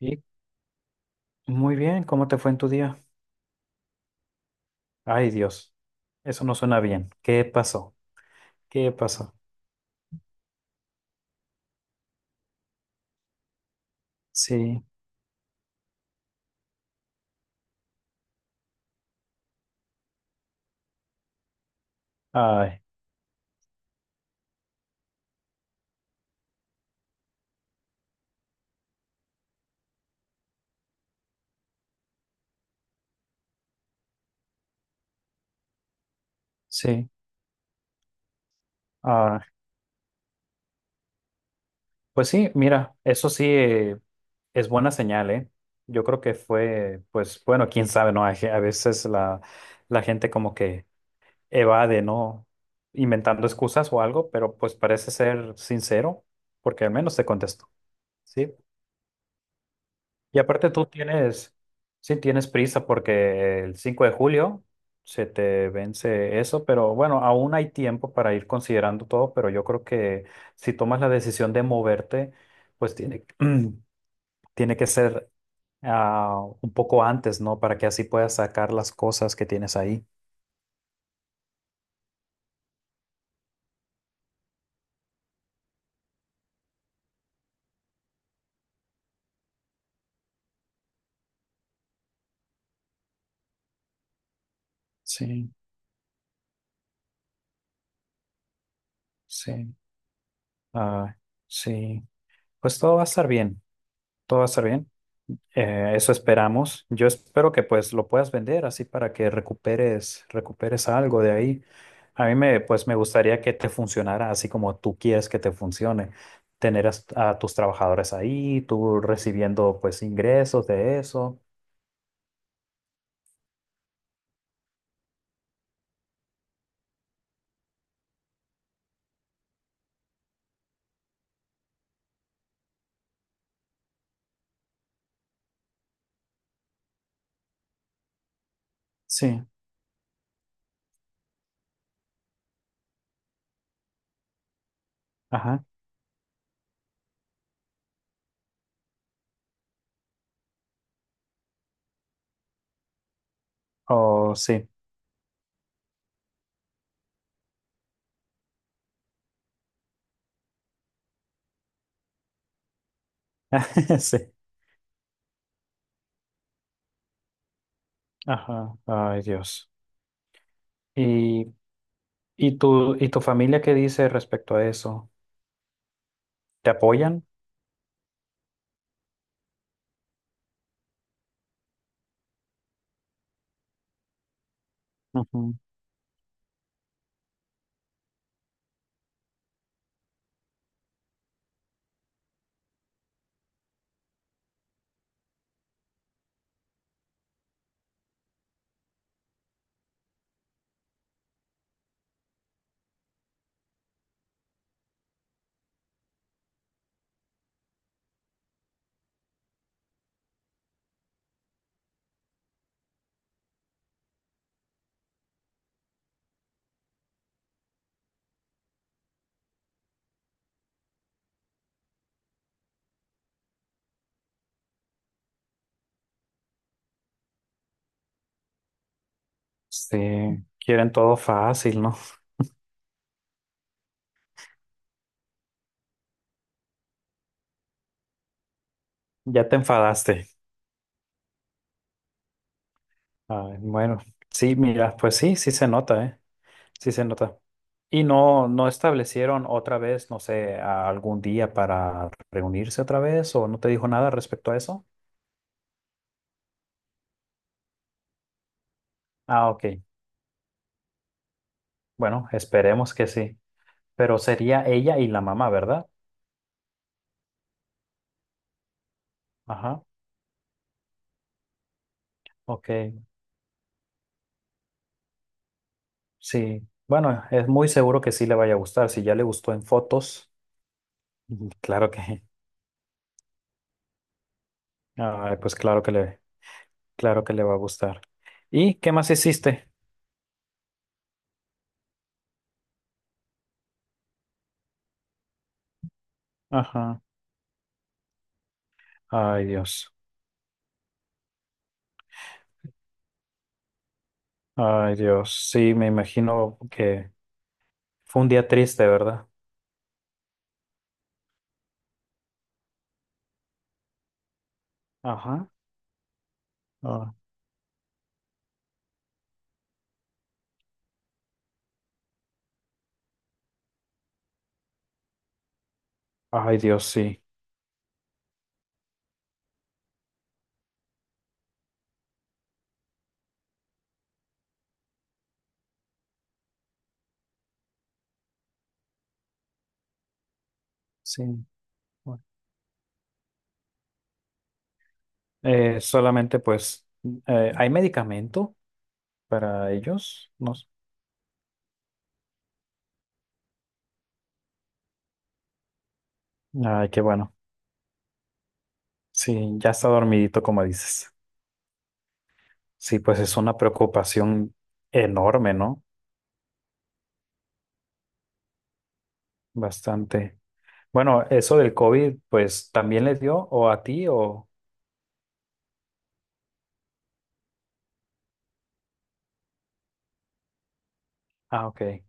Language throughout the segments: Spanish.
Y muy bien, ¿cómo te fue en tu día? Ay, Dios, eso no suena bien. ¿Qué pasó? ¿Qué pasó? Sí, ay, sí, ay. Pues sí, mira, eso sí es buena señal, ¿eh? Yo creo que fue, pues bueno, quién sabe, ¿no? A veces la gente como que evade, ¿no? Inventando excusas o algo, pero pues parece ser sincero, porque al menos te contestó. Sí. Y aparte sí tienes prisa porque el 5 de julio se te vence eso, pero bueno, aún hay tiempo para ir considerando todo, pero yo creo que si tomas la decisión de moverte, pues tiene, tiene que ser un poco antes, ¿no? Para que así puedas sacar las cosas que tienes ahí. Sí, sí, ah, sí. Pues todo va a estar bien, todo va a estar bien. Eso esperamos. Yo espero que pues lo puedas vender así para que recuperes algo de ahí. Pues me gustaría que te funcionara así como tú quieres que te funcione. Tus trabajadores ahí, tú recibiendo pues ingresos de eso. Sí, ajá. Oh, sí, sí. Ajá. Ay, Dios. ¿Y, ¿y tu familia qué dice respecto a eso? ¿Te apoyan? Ujú. Sí, quieren todo fácil, ¿no? Ya te enfadaste. Ah, bueno, sí, mira, pues sí, sí se nota, ¿eh? Sí se nota. Y no, no establecieron otra vez, no sé, algún día para reunirse otra vez o no te dijo nada respecto a eso. Ah, ok. Bueno, esperemos que sí. Pero sería ella y la mamá, ¿verdad? Ajá, ok. Sí. Bueno, es muy seguro que sí le vaya a gustar. Si ya le gustó en fotos, mm, ay, claro que le va a gustar. ¿Y qué más hiciste? Ajá. Ay, Dios. Ay, Dios, sí, me imagino que fue un día triste, ¿verdad? Ajá. Ah, ay, Dios, sí. Sí. Bueno. Eh, solamente pues, ¿Hay medicamento para ellos? No. s- Ay, qué bueno. Sí, ya está dormidito, como dices. Sí, pues es una preocupación enorme, ¿no? Bastante. Bueno, eso del COVID, pues, ¿también les dio? ¿O a ti? O... Ah, ok.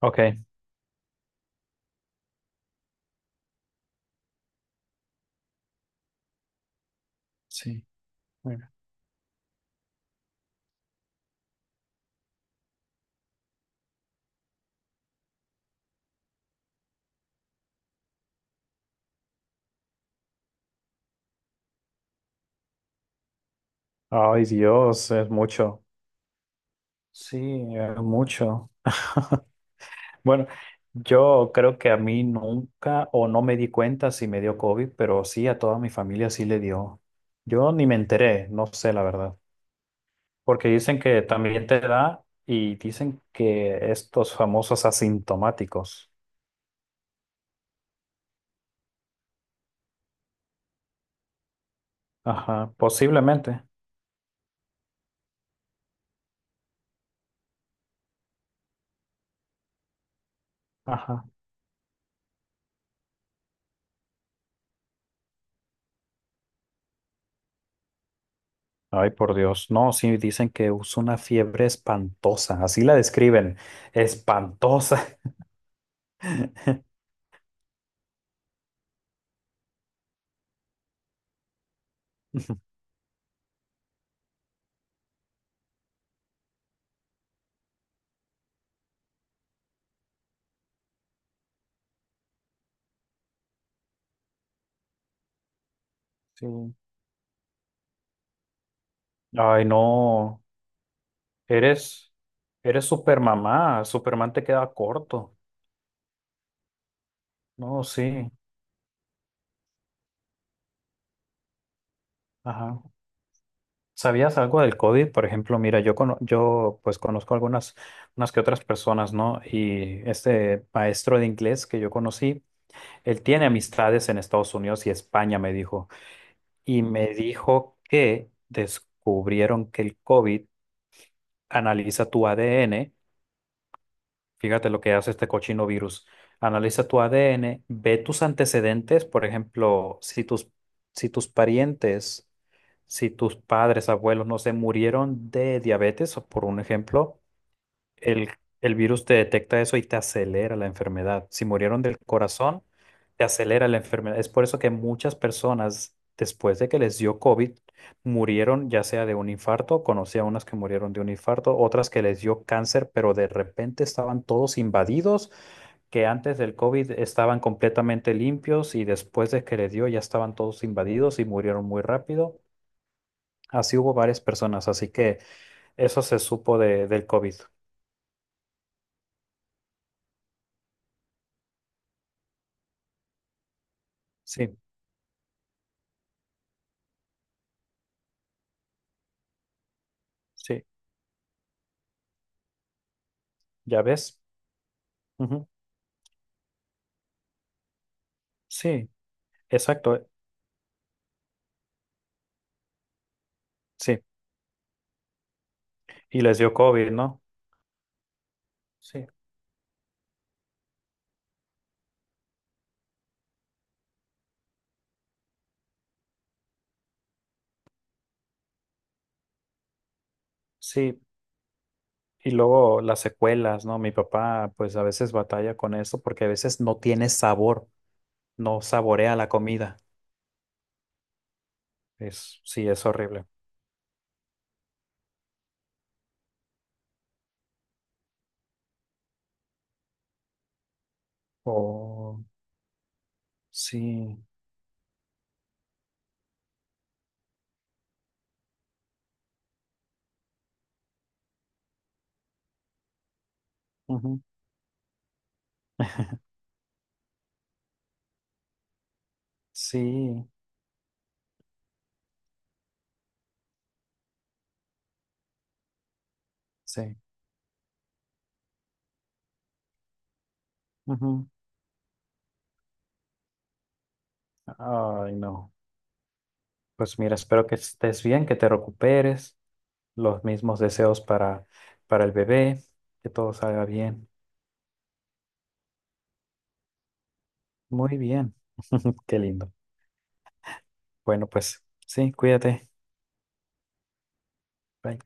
Ok, sí. Bueno. Ay, Dios, es mucho. Sí, mucho. Bueno, yo creo que a mí nunca o no me di cuenta si me dio COVID, pero sí a toda mi familia sí le dio. Yo ni me enteré, no sé la verdad, porque dicen que también te da y dicen que estos famosos asintomáticos. Ajá, posiblemente. Ajá. Ay, por Dios. No, sí dicen que usa una fiebre espantosa, así la describen, espantosa. Sí. Ay, no. Eres, eres Supermamá, Superman te queda corto. No, sí, ajá. ¿Sabías algo del código? Por ejemplo, mira, yo pues conozco algunas unas que otras personas, ¿no? Y este maestro de inglés que yo conocí, él tiene amistades en Estados Unidos y España, me dijo, y me dijo que descubrieron que el COVID analiza tu ADN. Fíjate lo que hace este cochino virus. Analiza tu ADN, ve tus antecedentes, por ejemplo, si tus parientes, si tus padres, abuelos, no se murieron de diabetes, por un ejemplo, el, el virus te detecta eso y te acelera la enfermedad. Si murieron del corazón, te acelera la enfermedad. Es por eso que muchas personas, después de que les dio COVID, murieron ya sea de un infarto, conocí a unas que murieron de un infarto, otras que les dio cáncer, pero de repente estaban todos invadidos, que antes del COVID estaban completamente limpios y después de que les dio ya estaban todos invadidos y murieron muy rápido. Así hubo varias personas, así que eso se supo de, del COVID. Sí, sí. ¿Ya ves? Ujú. Sí, exacto, sí. Y les dio COVID, ¿no? Sí, sí. Y luego las secuelas, ¿no? Mi papá pues a veces batalla con eso porque a veces no tiene sabor, no saborea la comida. Es, sí, es horrible. Oh, sí, ujú, sí, sí. Ujú. Ay, no. Pues mira, espero que estés bien, que te recuperes. Los mismos deseos para el bebé, que todo salga bien. Muy bien. Qué lindo. Bueno, pues sí, cuídate. Bye.